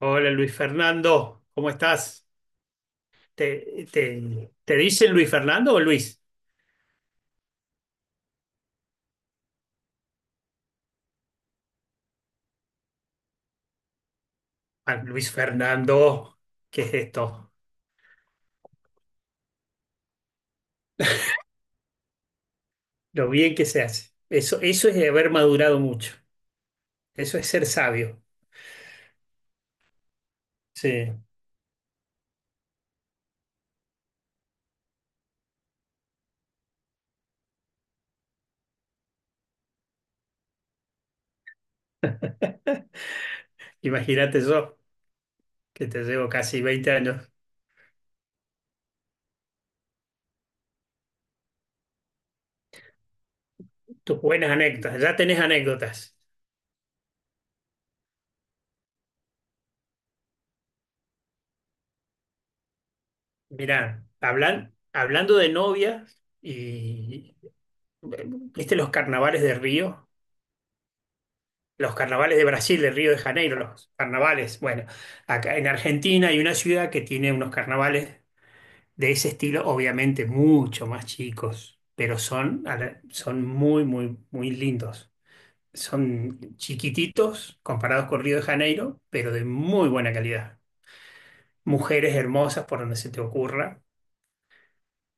Hola Luis Fernando, ¿cómo estás? ¿Te dicen Luis Fernando o Luis? Ah, Luis Fernando, ¿qué es esto? Lo bien que se hace. Eso es haber madurado mucho. Eso es ser sabio. Sí. Imagínate yo, que te llevo casi veinte años. Tus buenas anécdotas, ya tenés anécdotas. Mirá, hablando de novias y... eh, ¿viste los carnavales de Río? Los carnavales de Brasil, de Río de Janeiro, los carnavales. Bueno, acá en Argentina hay una ciudad que tiene unos carnavales de ese estilo, obviamente mucho más chicos, pero son, son muy, muy, muy lindos. Son chiquititos comparados con Río de Janeiro, pero de muy buena calidad. Mujeres hermosas por donde se te ocurra,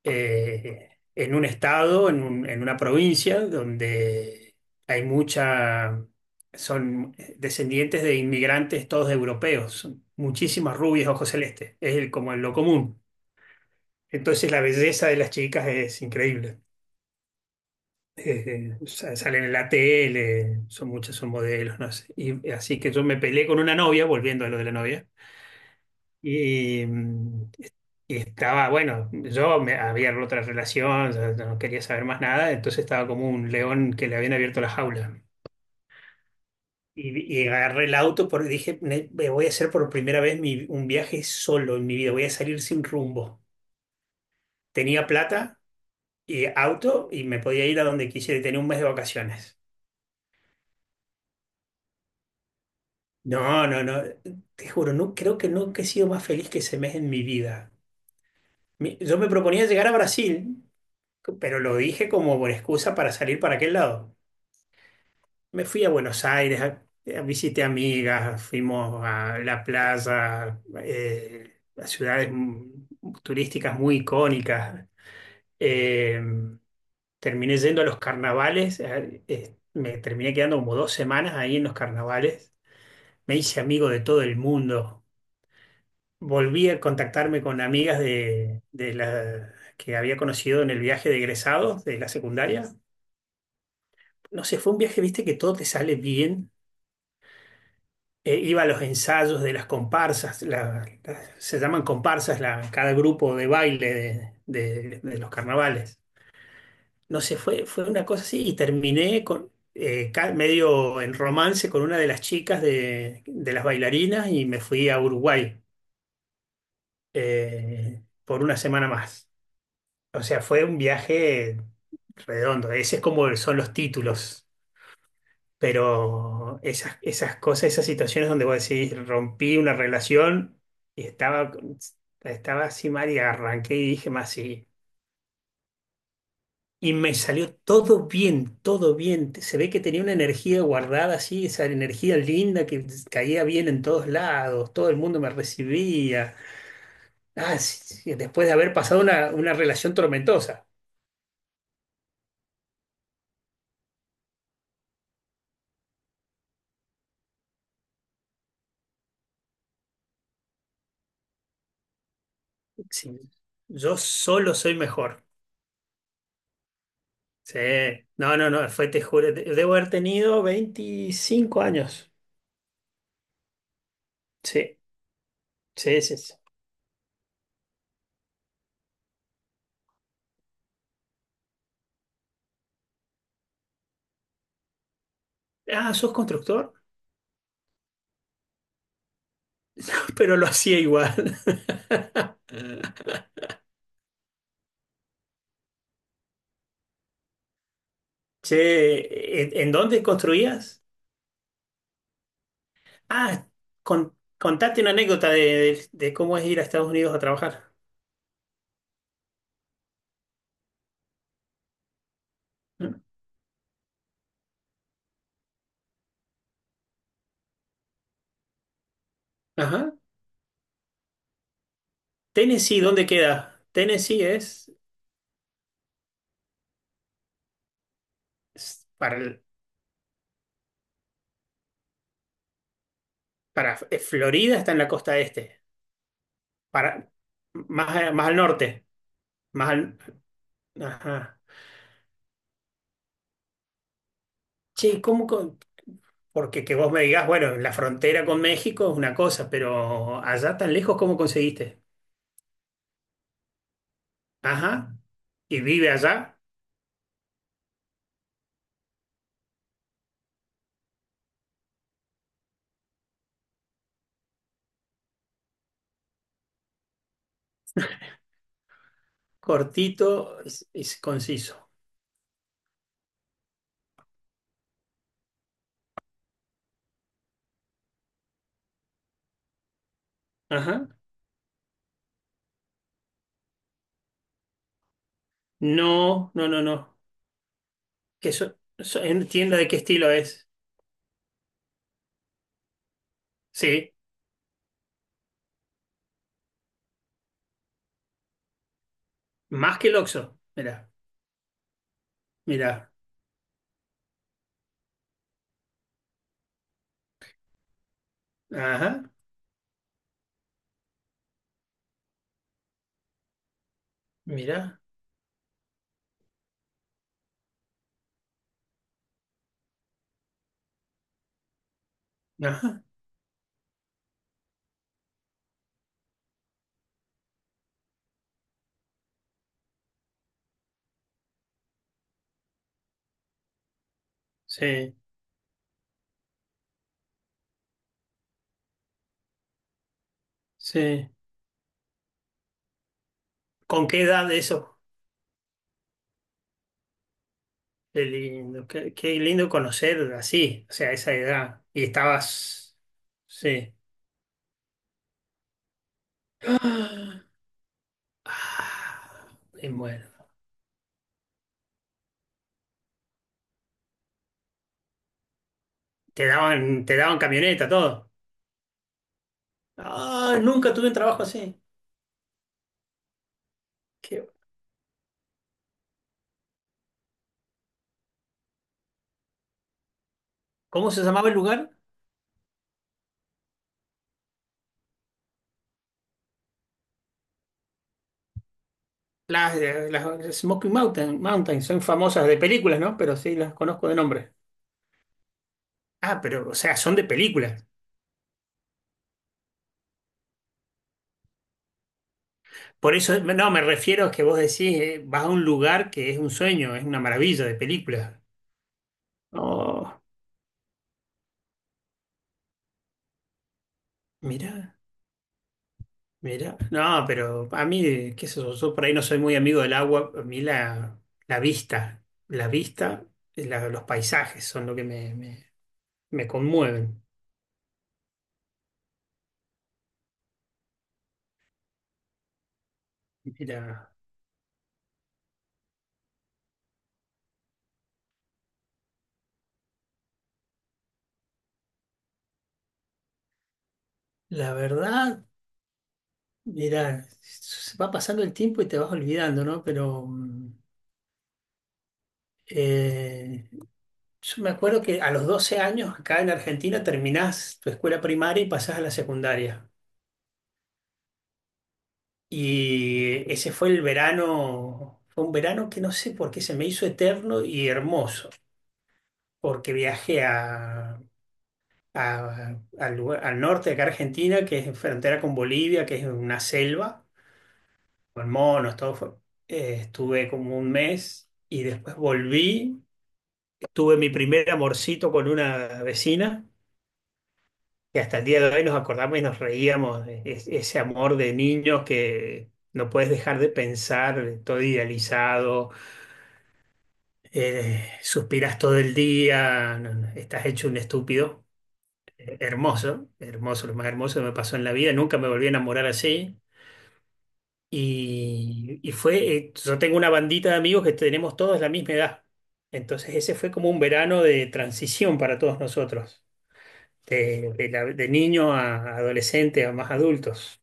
en un estado, en una provincia donde hay mucha, son descendientes de inmigrantes todos europeos, son muchísimas rubias ojos celestes, como en lo común. Entonces la belleza de las chicas es increíble. Salen en la tele, son muchas, son modelos, no sé. Y así que yo me peleé con una novia, volviendo a lo de la novia, y, mm, Y estaba, bueno, yo me había roto otra relación, ya no quería saber más nada, entonces estaba como un león que le habían abierto la jaula. Y agarré el auto porque dije, "Ne- me voy a hacer por primera vez un viaje solo en mi vida, voy a salir sin rumbo. Tenía plata y auto y me podía ir a donde quisiera y tenía un mes de vacaciones. No, no, no, te juro, no, creo que nunca he sido más feliz que ese mes en mi vida. Yo me proponía llegar a Brasil, pero lo dije como por excusa para salir para aquel lado. Me fui a Buenos Aires, visité amigas, fuimos a la plaza, a ciudades turísticas muy icónicas. Eh, Terminé yendo a los carnavales, me terminé quedando como dos semanas ahí en los carnavales. Me hice amigo de todo el mundo. Volví a contactarme con amigas que había conocido en el viaje de egresados de la secundaria. No sé, fue un viaje, viste, que todo te sale bien. Iba a los ensayos de las comparsas, se llaman comparsas cada grupo de baile de los carnavales. No sé, fue una cosa así y terminé con, medio en romance con una de las chicas de las bailarinas y me fui a Uruguay por una semana más. O sea, fue un viaje redondo. Ese es como son los títulos. Pero esas cosas, esas situaciones donde vos decís, rompí una relación y estaba así mal y arranqué y dije más sí. Y me salió todo bien, todo bien. Se ve que tenía una energía guardada así, esa energía linda que caía bien en todos lados, todo el mundo me recibía. Ah, sí, sí, después de haber pasado una relación tormentosa. Sí, yo solo soy mejor. Sí, no, no, no, fue, te juro, te- debo haber tenido 25 años. Sí, sí, sí, sí. Ah, ¿sos constructor? Pero lo hacía igual. Che, en dónde construías? Ah, contate una anécdota de cómo es ir a Estados Unidos a trabajar. ¿Mm? Ajá. Tennessee, ¿dónde queda? Tennessee es, es para, el- para Florida está en la costa este, para, más, más al norte, más al... Ajá. Che, porque que vos me digas, bueno, la frontera con México es una cosa, pero allá tan lejos, ¿cómo conseguiste? Ajá, y vive allá, cortito, es conciso. Ajá. No, no, no, no. Que en tienda de qué estilo es. Sí, más que el Oxxo. Mirá, mirá. Ajá, mirá. Ajá. Sí, sí. ¿Con qué edad eso? Qué lindo, qué lindo conocer así, o sea, esa edad. Y estabas, sí. Ah, me muero. Te daban camioneta, todo. Ah, nunca tuve un trabajo así. Qué- ¿cómo se llamaba el lugar? Las Smoky Mountain, son famosas de películas, ¿no? Pero sí, las conozco de nombre. Ah, pero, o sea, son de películas. Por eso, no, me refiero a que vos decís, vas a un lugar que es un sueño, es una maravilla de películas. Oh, mirá. Mira, no, pero a mí, qué sé yo, yo por ahí no soy muy amigo del agua, la vista, los paisajes son lo que me conmueven. Mira, la verdad, mira, se va pasando el tiempo y te vas olvidando, ¿no? Pero eh, yo me acuerdo que a los 12 años acá en Argentina terminás tu escuela primaria y pasás a la secundaria. Y ese fue el verano, fue un verano que no sé por qué se me hizo eterno y hermoso, porque viajé al norte de acá Argentina, que es frontera con Bolivia, que es una selva, con monos, todo fue. Estuve como un mes y después volví. Tuve mi primer amorcito con una vecina, que hasta el día de hoy nos acordamos y nos reíamos, de ese amor de niños que no puedes dejar de pensar, todo idealizado. Suspiras todo el día, no, no, estás hecho un estúpido. Hermoso, hermoso, lo más hermoso que me pasó en la vida. Nunca me volví a enamorar así. Yo tengo una bandita de amigos que tenemos todos la misma edad. Entonces ese fue como un verano de transición para todos nosotros, de niño a adolescente a más adultos.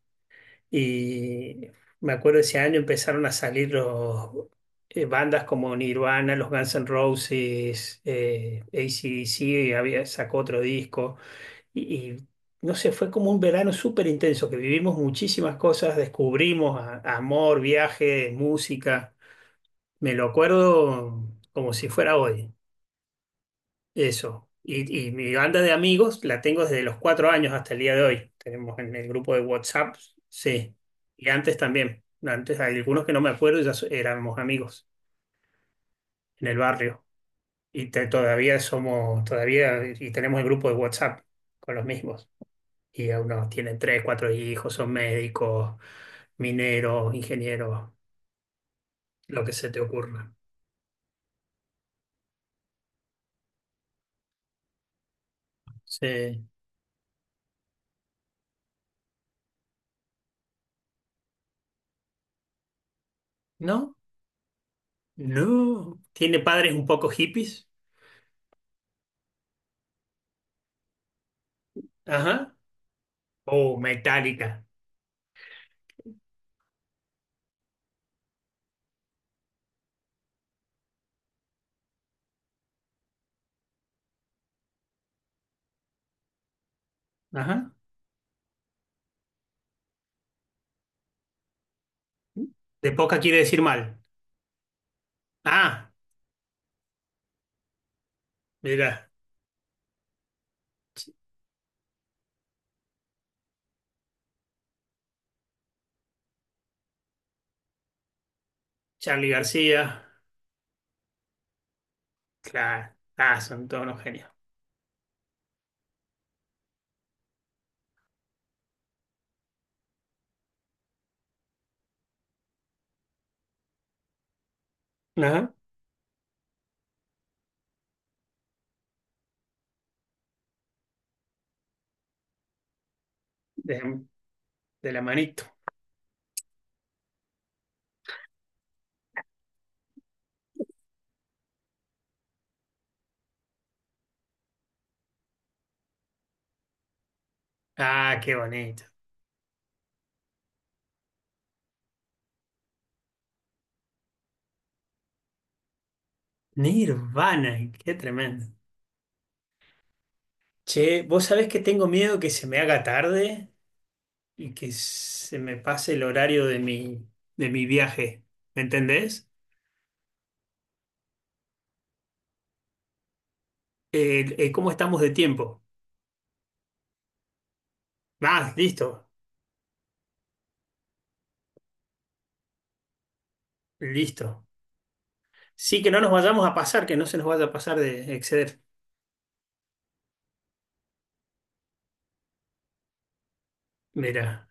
Y me acuerdo ese año empezaron a salir bandas como Nirvana, los Guns N' Roses, AC/DC, y había, sacó otro disco. Y, y, no sé, fue como un verano súper intenso, que vivimos muchísimas cosas, descubrimos amor, viaje, música. Me lo acuerdo como si fuera hoy. Eso. Y mi banda de amigos la tengo desde los cuatro años hasta el día de hoy. Tenemos en el grupo de WhatsApp, sí. Y antes también. Antes hay algunos que no me acuerdo, y ya éramos amigos en el barrio. Todavía somos, todavía, y tenemos el grupo de WhatsApp con los mismos. Y a unos tienen tres, cuatro hijos, son médicos, mineros, ingenieros, lo que se te ocurra. Sí. ¿No? No. ¿Tiene padres un poco hippies? Ajá. Oh, metálica. Ajá. De poca quiere decir mal. Ah, mira, Charlie García. Claro. Ah, son todos unos genios. Ajá. De, de la manito. Ah, qué bonito. Nirvana, qué tremendo. Che, vos sabés que tengo miedo que se me haga tarde y que se me pase el horario de mi viaje. ¿Me entendés? ¿Cómo estamos de tiempo? Ah, listo, listo. Sí, que no nos vayamos a pasar, que no se nos vaya a pasar de exceder. Mira.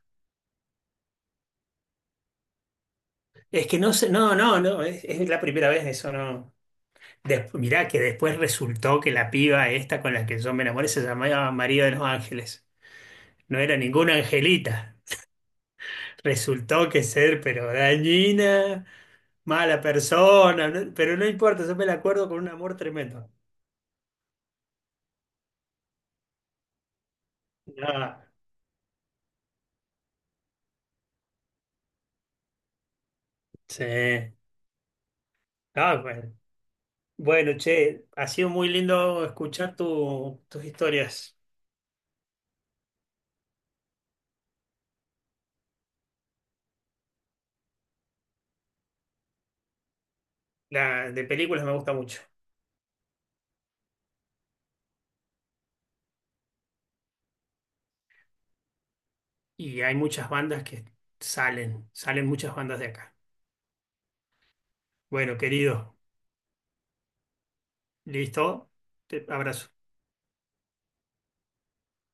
Es que no sé, no, no, no, es la primera vez, eso no. Des- mirá que después resultó que la piba esta con la que yo me enamoré se llamaba María de los Ángeles. No era ninguna angelita. Resultó que ser, pero dañina, mala persona, no- pero no importa, yo me la acuerdo con un amor tremendo. Ah, sí. Ah, bueno. Bueno, che, ha sido muy lindo escuchar tus historias. La de películas me gusta mucho. Y hay muchas bandas que salen muchas bandas de acá. Bueno, querido, listo. Te abrazo.